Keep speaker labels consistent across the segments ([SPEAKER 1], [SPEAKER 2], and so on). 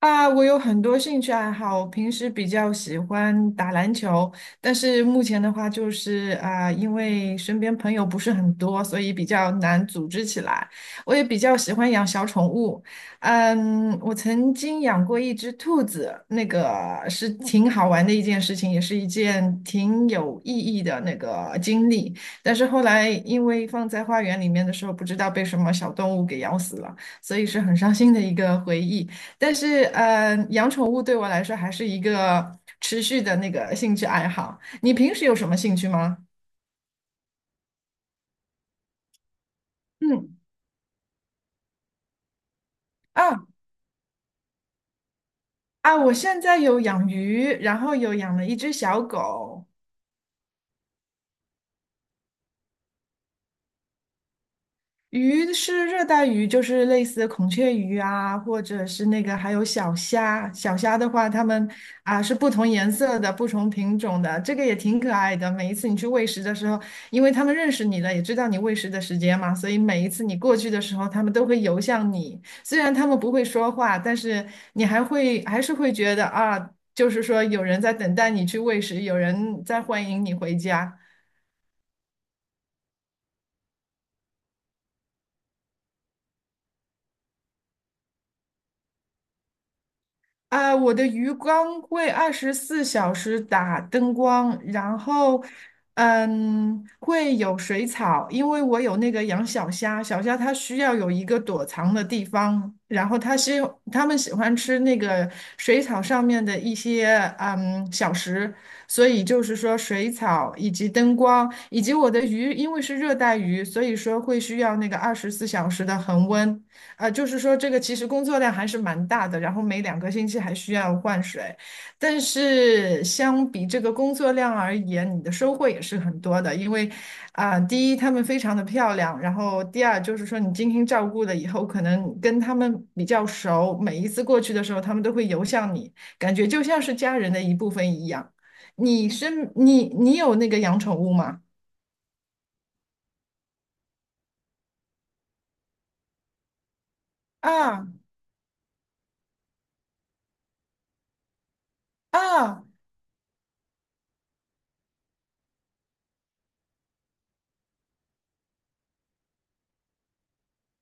[SPEAKER 1] 啊，我有很多兴趣爱好，我平时比较喜欢打篮球，但是目前的话就是啊，因为身边朋友不是很多，所以比较难组织起来。我也比较喜欢养小宠物，我曾经养过一只兔子，那个是挺好玩的一件事情，也是一件挺有意义的那个经历。但是后来因为放在花园里面的时候，不知道被什么小动物给咬死了，所以是很伤心的一个回忆。但是，养宠物对我来说还是一个持续的那个兴趣爱好。你平时有什么兴趣吗？嗯，啊啊，我现在有养鱼，然后有养了一只小狗。鱼是热带鱼，就是类似孔雀鱼啊，或者是那个还有小虾。小虾的话，它们是不同颜色的、不同品种的，这个也挺可爱的。每一次你去喂食的时候，因为它们认识你了，也知道你喂食的时间嘛，所以每一次你过去的时候，它们都会游向你。虽然它们不会说话，但是你还是会觉得就是说有人在等待你去喂食，有人在欢迎你回家。啊，我的鱼缸会二十四小时打灯光，然后，会有水草，因为我有那个养小虾，小虾它需要有一个躲藏的地方，然后它们喜欢吃那个水草上面的一些小食，所以就是说水草以及灯光以及我的鱼，因为是热带鱼，所以说会需要那个二十四小时的恒温。啊，就是说这个其实工作量还是蛮大的，然后每2个星期还需要换水，但是相比这个工作量而言，你的收获也是很多的，因为啊，第一它们非常的漂亮，然后第二就是说你精心照顾了以后，可能跟它们比较熟，每一次过去的时候，它们都会游向你，感觉就像是家人的一部分一样。你是你你有那个养宠物吗？啊啊，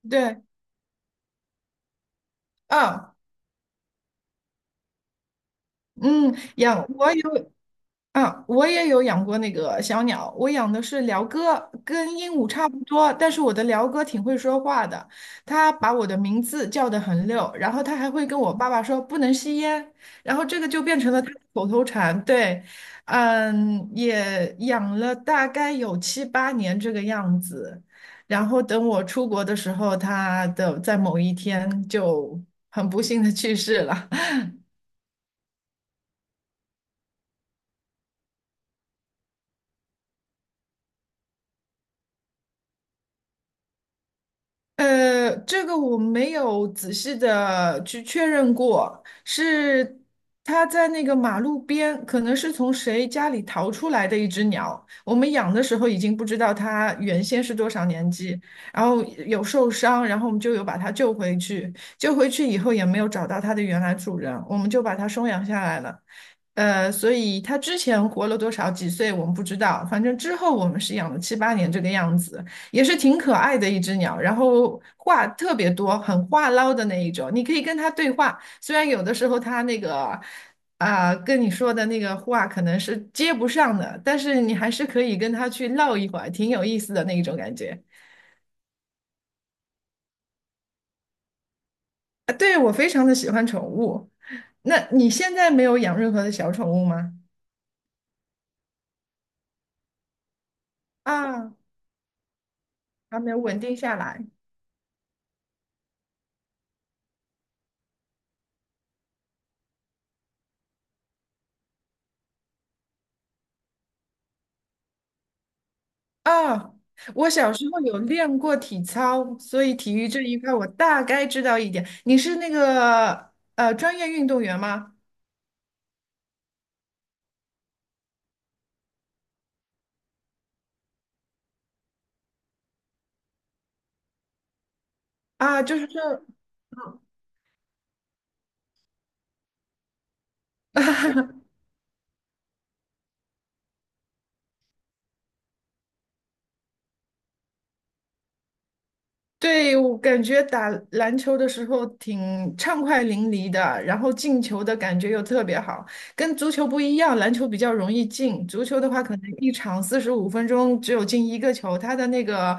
[SPEAKER 1] 对啊，嗯，我有。我也有养过那个小鸟，我养的是鹩哥，跟鹦鹉差不多，但是我的鹩哥挺会说话的，它把我的名字叫得很溜，然后它还会跟我爸爸说不能吸烟，然后这个就变成了它的口头禅。对，也养了大概有七八年这个样子，然后等我出国的时候，在某一天就很不幸的去世了。这个我没有仔细的去确认过，是它在那个马路边，可能是从谁家里逃出来的一只鸟。我们养的时候已经不知道它原先是多少年纪，然后有受伤，然后我们就有把它救回去。救回去以后也没有找到它的原来主人，我们就把它收养下来了。所以它之前活了多少几岁我们不知道，反正之后我们是养了七八年这个样子。也是挺可爱的一只鸟，然后话特别多，很话唠的那一种。你可以跟它对话，虽然有的时候它那个跟你说的那个话可能是接不上的，但是你还是可以跟它去唠一会儿，挺有意思的那一种感觉。啊，对，我非常的喜欢宠物。那你现在没有养任何的小宠物吗？啊，还没有稳定下来。啊，我小时候有练过体操，所以体育这一块我大概知道一点。你是那个专业运动员吗？啊，就是说。嗯对，我感觉打篮球的时候挺畅快淋漓的，然后进球的感觉又特别好，跟足球不一样，篮球比较容易进，足球的话可能一场45分钟只有进一个球，它的那个，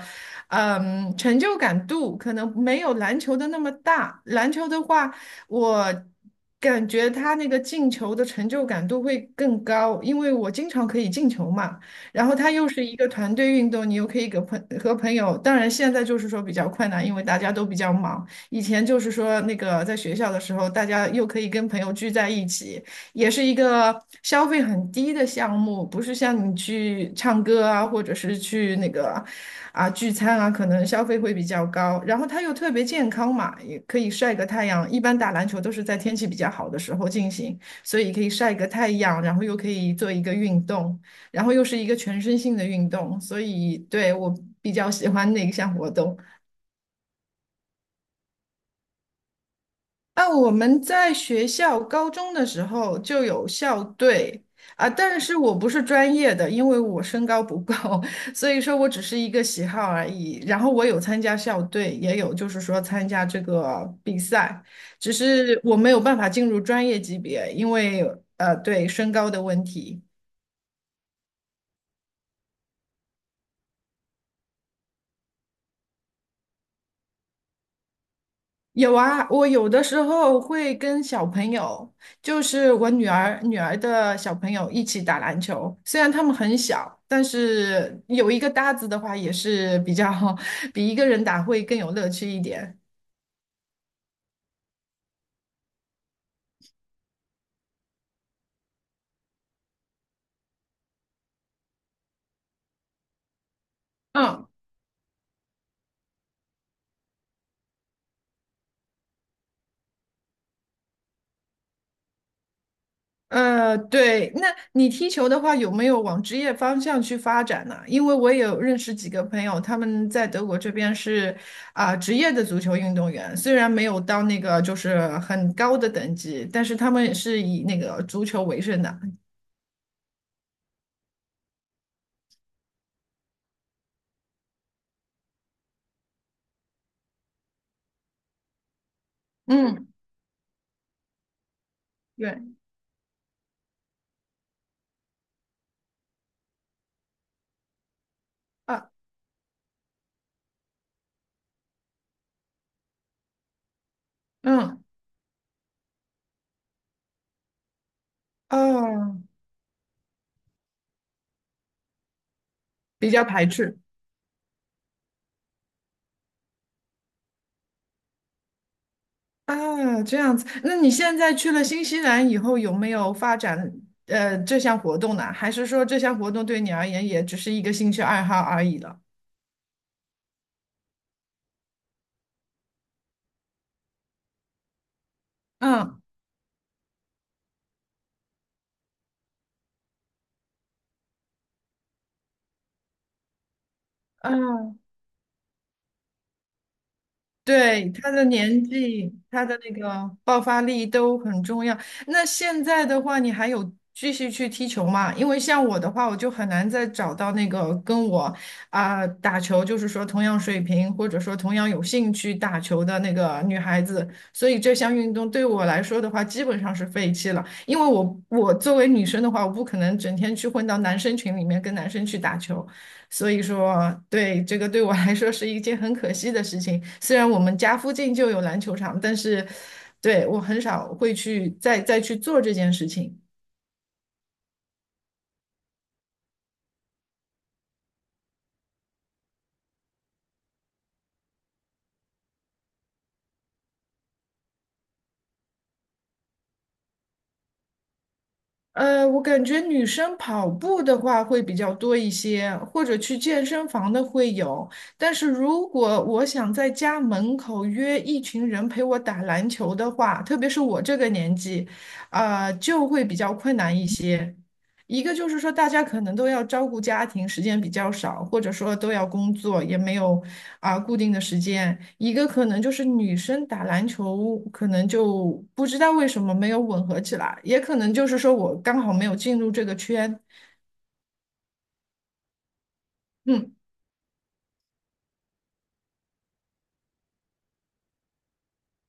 [SPEAKER 1] 成就感度可能没有篮球的那么大。篮球的话，我感觉它那个进球的成就感度会更高，因为我经常可以进球嘛。然后它又是一个团队运动，你又可以和朋友。当然，现在就是说比较困难，因为大家都比较忙。以前就是说那个在学校的时候，大家又可以跟朋友聚在一起，也是一个消费很低的项目，不是像你去唱歌啊，或者是去那个聚餐啊，可能消费会比较高。然后它又特别健康嘛，也可以晒个太阳。一般打篮球都是在天气比较好的时候进行，所以可以晒个太阳，然后又可以做一个运动。然后又是一个全身性的运动，所以对我比较喜欢那一项活动。啊，我们在学校高中的时候就有校队啊，但是我不是专业的，因为我身高不够，所以说我只是一个喜好而已。然后我有参加校队，也有就是说参加这个比赛，只是我没有办法进入专业级别，因为对身高的问题。有啊，我有的时候会跟小朋友，就是我女儿的小朋友一起打篮球。虽然他们很小，但是有一个搭子的话，也是比较 比一个人打会更有乐趣一点。嗯，对，那你踢球的话，有没有往职业方向去发展呢？因为我也有认识几个朋友，他们在德国这边是职业的足球运动员，虽然没有到那个就是很高的等级，但是他们也是以那个足球为生的。嗯，对，啊，嗯，哦，比较排斥啊，这样子。那你现在去了新西兰以后，有没有发展这项活动呢？还是说这项活动对你而言也只是一个兴趣爱好而已了？嗯嗯，对，他的年纪，他的那个爆发力都很重要。那现在的话，你还有继续去踢球吗？因为像我的话，我就很难再找到那个跟我打球，就是说同样水平或者说同样有兴趣打球的那个女孩子，所以这项运动对我来说的话，基本上是废弃了。因为我作为女生的话，我不可能整天去混到男生群里面跟男生去打球。所以说啊，对，这个对我来说是一件很可惜的事情。虽然我们家附近就有篮球场，但是对我很少会去再去做这件事情。我感觉女生跑步的话会比较多一些，或者去健身房的会有。但是如果我想在家门口约一群人陪我打篮球的话，特别是我这个年纪，就会比较困难一些。一个就是说，大家可能都要照顾家庭，时间比较少，或者说都要工作，也没有固定的时间。一个可能就是女生打篮球，可能就不知道为什么没有吻合起来，也可能就是说我刚好没有进入这个圈。嗯，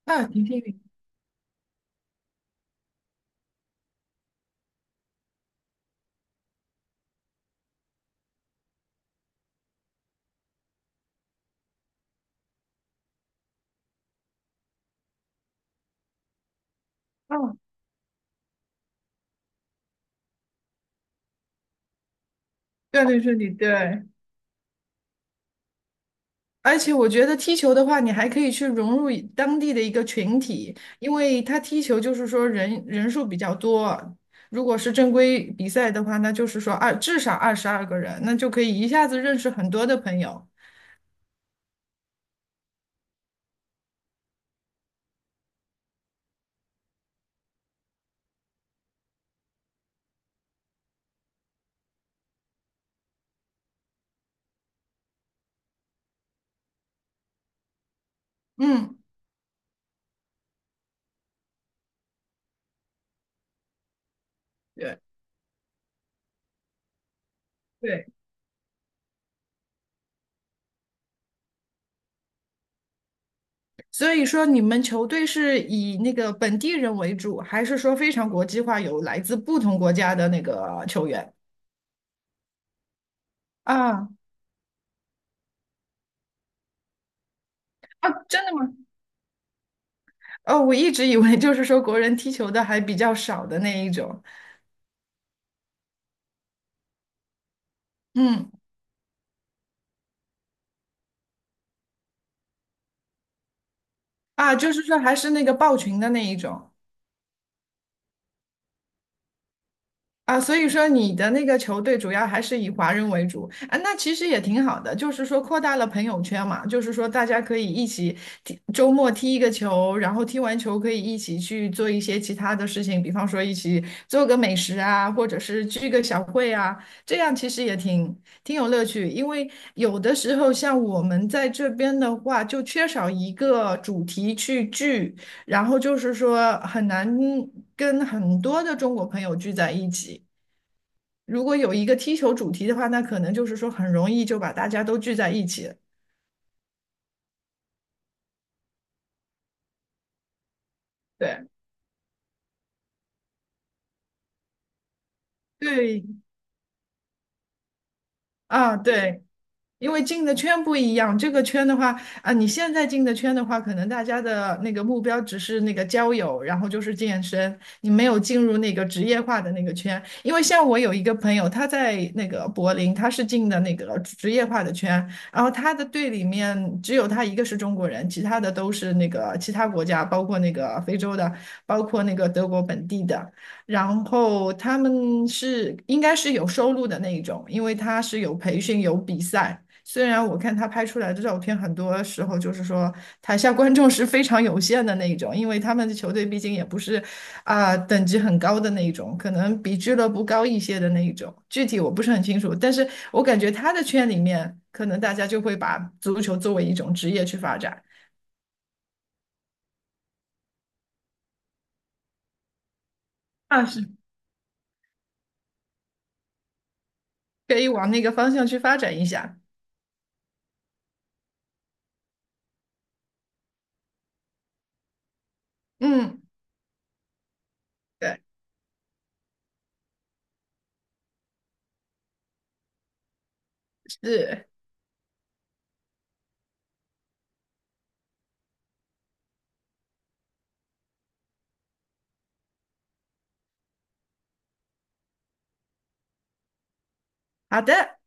[SPEAKER 1] 啊，挺幸运。啊，对对对对对，而且我觉得踢球的话，你还可以去融入一当地的一个群体，因为他踢球就是说人数比较多。如果是正规比赛的话，那就是说至少22个人，那就可以一下子认识很多的朋友。嗯，对对。所以说，你们球队是以那个本地人为主，还是说非常国际化，有来自不同国家的那个球员？啊啊，真的吗？哦，我一直以为就是说国人踢球的还比较少的那一种。嗯。啊，就是说还是那个抱群的那一种啊，所以说你的那个球队主要还是以华人为主啊，那其实也挺好的，就是说扩大了朋友圈嘛，就是说大家可以一起踢，周末踢一个球，然后踢完球可以一起去做一些其他的事情，比方说一起做个美食啊，或者是聚个小会啊，这样其实也挺有乐趣，因为有的时候像我们在这边的话，就缺少一个主题去聚。然后就是说很难跟很多的中国朋友聚在一起。如果有一个踢球主题的话，那可能就是说很容易就把大家都聚在一起了。对对啊，对。因为进的圈不一样，这个圈的话啊，你现在进的圈的话，可能大家的那个目标只是那个交友，然后就是健身，你没有进入那个职业化的那个圈。因为像我有一个朋友，他在那个柏林，他是进的那个职业化的圈，然后他的队里面只有他一个是中国人，其他的都是那个其他国家，包括那个非洲的，包括那个德国本地的。然后他们是应该是有收入的那一种，因为他是有培训有比赛。虽然我看他拍出来的照片，很多时候就是说台下观众是非常有限的那一种，因为他们的球队毕竟也不是等级很高的那一种，可能比俱乐部高一些的那一种，具体我不是很清楚，但是我感觉他的圈里面，可能大家就会把足球作为一种职业去发展，啊，是可以往那个方向去发展一下，嗯，对，是好的。